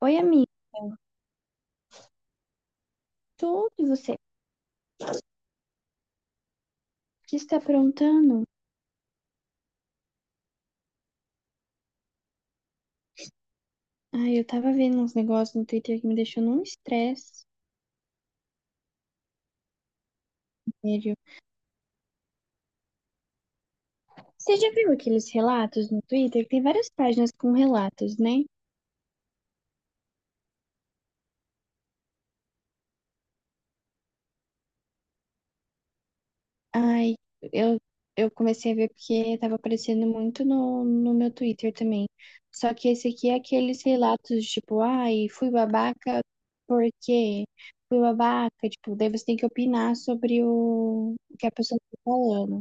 Oi, amigo. Tudo e você? O que está aprontando? Ai, eu tava vendo uns negócios no Twitter que me deixou num estresse, sério. Você já viu aqueles relatos no Twitter? Que Tem várias páginas com relatos, né? Ai, eu, eu comecei a ver porque tava aparecendo muito no meu Twitter também. Só que esse aqui é aqueles relatos, tipo, ai, fui babaca porque fui babaca. Tipo, daí você tem que opinar sobre o que a pessoa tá falando.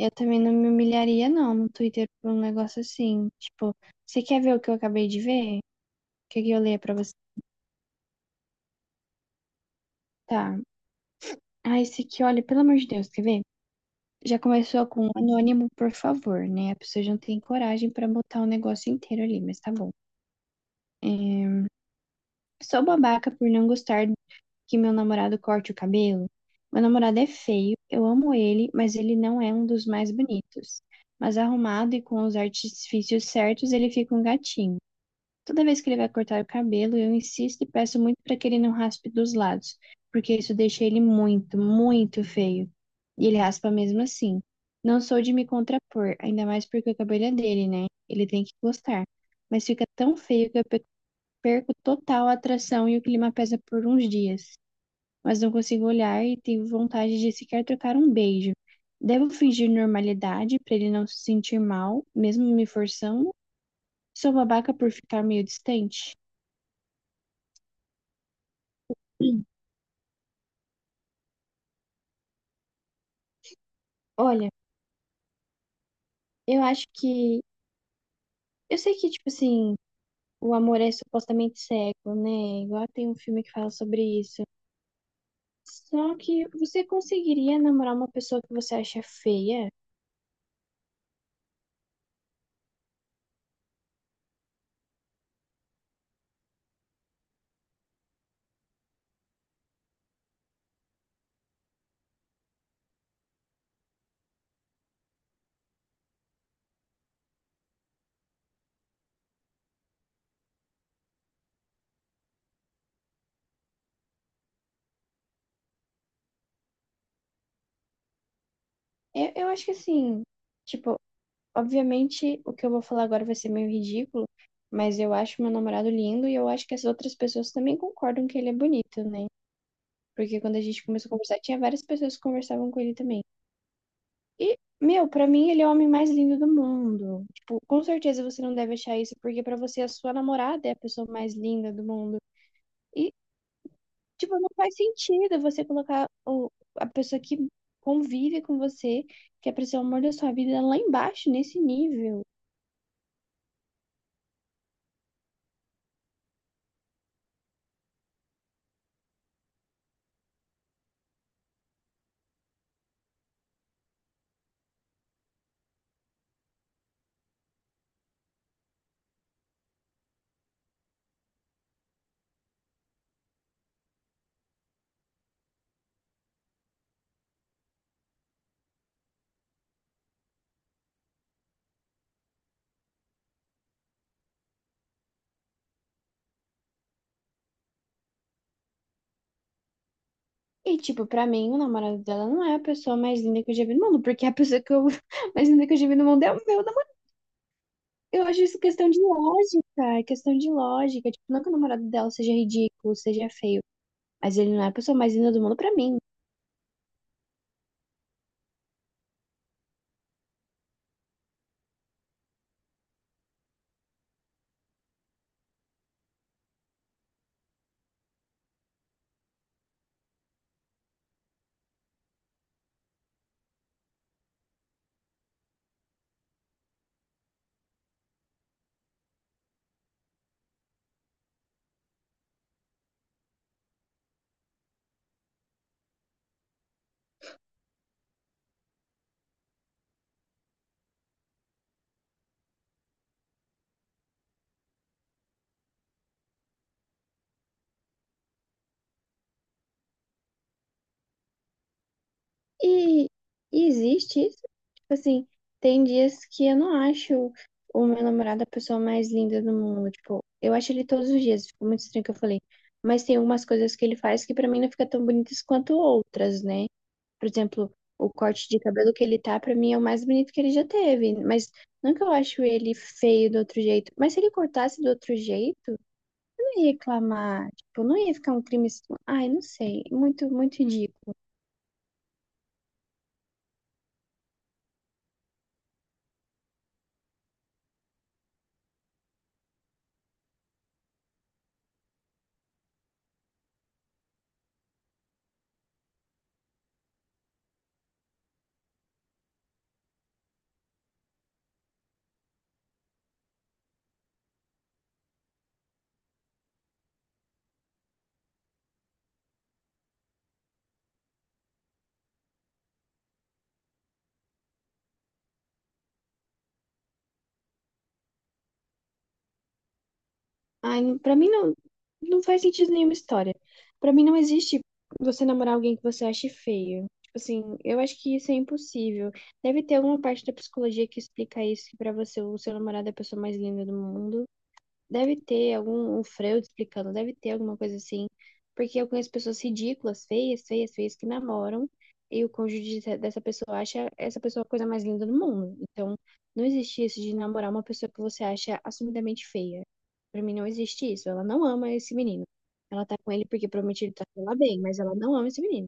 Eu também não me humilharia, não, no Twitter por um negócio assim. Tipo, você quer ver o que eu acabei de ver? O que que eu leio pra você? Tá. Ah, esse aqui, olha, pelo amor de Deus, quer ver? Já começou com um anônimo, por favor, né? A pessoa já não tem coragem pra botar o negócio inteiro ali, mas tá bom. É, Sou babaca por não gostar que meu namorado corte o cabelo. Meu namorado é feio, eu amo ele, mas ele não é um dos mais bonitos. Mas arrumado e com os artifícios certos, ele fica um gatinho. Toda vez que ele vai cortar o cabelo, eu insisto e peço muito para que ele não raspe dos lados, porque isso deixa ele muito, muito feio. E ele raspa mesmo assim. Não sou de me contrapor, ainda mais porque o cabelo é dele, né? Ele tem que gostar. Mas fica tão feio que eu perco total a atração e o clima pesa por uns dias. Mas não consigo olhar e tenho vontade de sequer trocar um beijo. Devo fingir normalidade para ele não se sentir mal, mesmo me forçando? Sou babaca por ficar meio distante? Olha, eu acho que. Eu sei que, tipo assim, o amor é supostamente cego, né? Igual tem um filme que fala sobre isso. Só que você conseguiria namorar uma pessoa que você acha feia? Eu acho que assim, tipo, obviamente o que eu vou falar agora vai ser meio ridículo, mas eu acho meu namorado lindo e eu acho que as outras pessoas também concordam que ele é bonito, né? Porque quando a gente começou a conversar, tinha várias pessoas que conversavam com ele também. E, meu, pra mim ele é o homem mais lindo do mundo. Tipo, com certeza você não deve achar isso, porque pra você a sua namorada é a pessoa mais linda do mundo. E, tipo, não faz sentido você colocar o, a pessoa que convive com você, que é pra ser o amor da sua vida, lá embaixo, nesse nível. E, tipo, pra mim, o namorado dela não é a pessoa mais linda que eu já vi no mundo, porque a pessoa que eu, mais linda que eu já vi no mundo é o meu namorado. Eu acho isso questão de lógica, é questão de lógica. Tipo, não que o namorado dela seja ridículo, seja feio. Mas ele não é a pessoa mais linda do mundo pra mim. E, e existe isso. Tipo assim, tem dias que eu não acho o meu namorado a pessoa mais linda do mundo. Tipo, eu acho ele todos os dias. Ficou muito estranho o que eu falei. Mas tem algumas coisas que ele faz que pra mim não fica tão bonitas quanto outras, né? Por exemplo, o corte de cabelo que ele tá, pra mim é o mais bonito que ele já teve. Mas não que eu acho ele feio do outro jeito. Mas se ele cortasse do outro jeito, eu não ia reclamar. Tipo, não ia ficar um crime. Assim. Ai, não sei. Muito, muito idiota. Ai, pra mim não, não faz sentido nenhuma história. Pra mim não existe você namorar alguém que você ache feio. Tipo assim, eu acho que isso é impossível. Deve ter alguma parte da psicologia que explica isso, que pra você o seu namorado é a pessoa mais linda do mundo. Deve ter algum um Freud explicando, deve ter alguma coisa assim. Porque eu conheço pessoas ridículas, feias, feias, feias, que namoram e o cônjuge dessa pessoa acha essa pessoa a coisa mais linda do mundo. Então, não existe isso de namorar uma pessoa que você acha assumidamente feia. Pra mim, não existe isso. Ela não ama esse menino. Ela tá com ele porque promete ele tá com ela bem, mas ela não ama esse menino.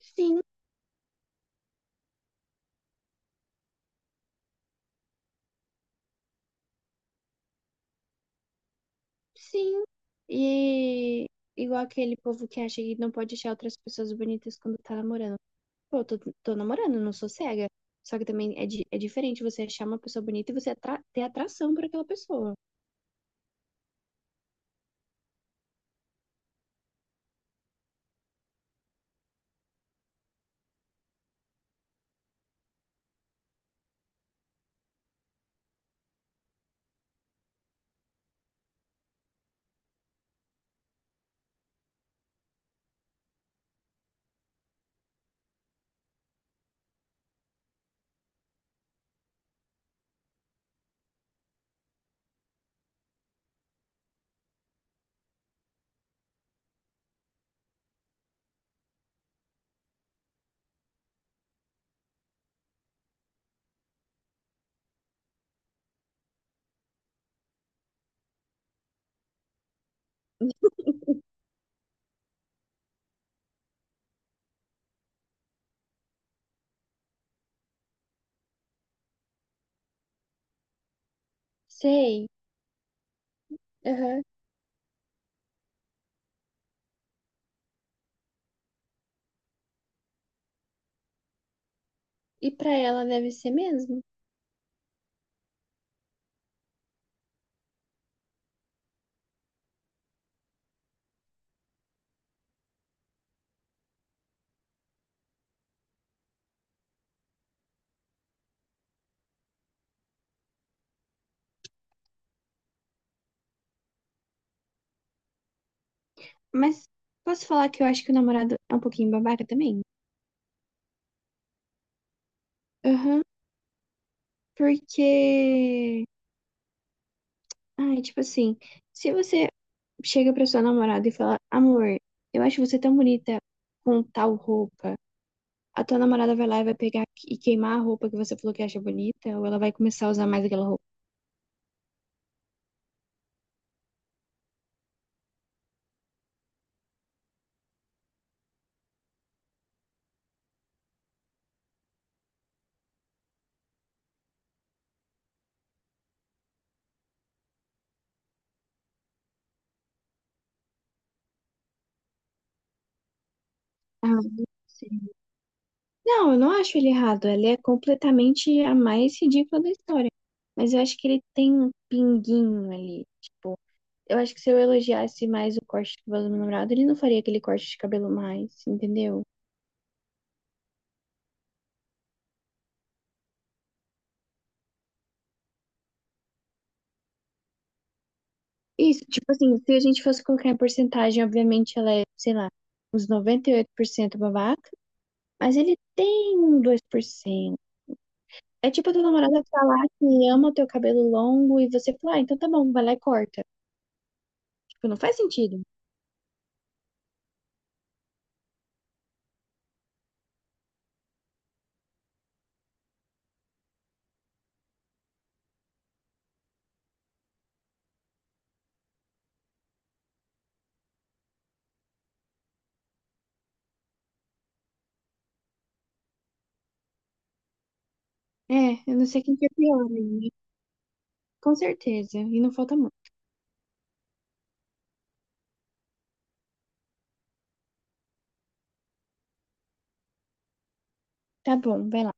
Sim, sim. E igual aquele povo que acha que não pode achar outras pessoas bonitas quando tá namorando. Pô, eu tô namorando, não sou cega. Só que também é diferente você achar uma pessoa bonita e você ter atração por aquela pessoa. Sei. Aham. E pra ela deve ser mesmo? Mas posso falar que eu acho que o namorado é um pouquinho babaca também? Aham, porque. Ai, tipo assim, se você chega pra sua namorada e fala, amor, eu acho você tão bonita com tal roupa, a tua namorada vai lá e vai pegar e queimar a roupa que você falou que acha bonita, ou ela vai começar a usar mais aquela roupa. Ah, não Não, eu não acho ele errado. Ele é completamente a mais ridícula da história. Mas eu acho que ele tem um pinguinho ali. Tipo, eu acho que se eu elogiasse mais o corte de cabelo do meu namorado, ele não faria aquele corte de cabelo mais, entendeu? Isso, tipo assim, se a gente fosse colocar em porcentagem, obviamente ela é, sei lá, uns 98% babaca, mas ele tem um 2%. É tipo a tua namorada falar que ama o teu cabelo longo e você falar, ah, então tá bom, vai lá e corta. Tipo, não faz sentido. É, eu não sei quem que é pior, né? Com certeza, e não falta muito. Tá bom, vai lá.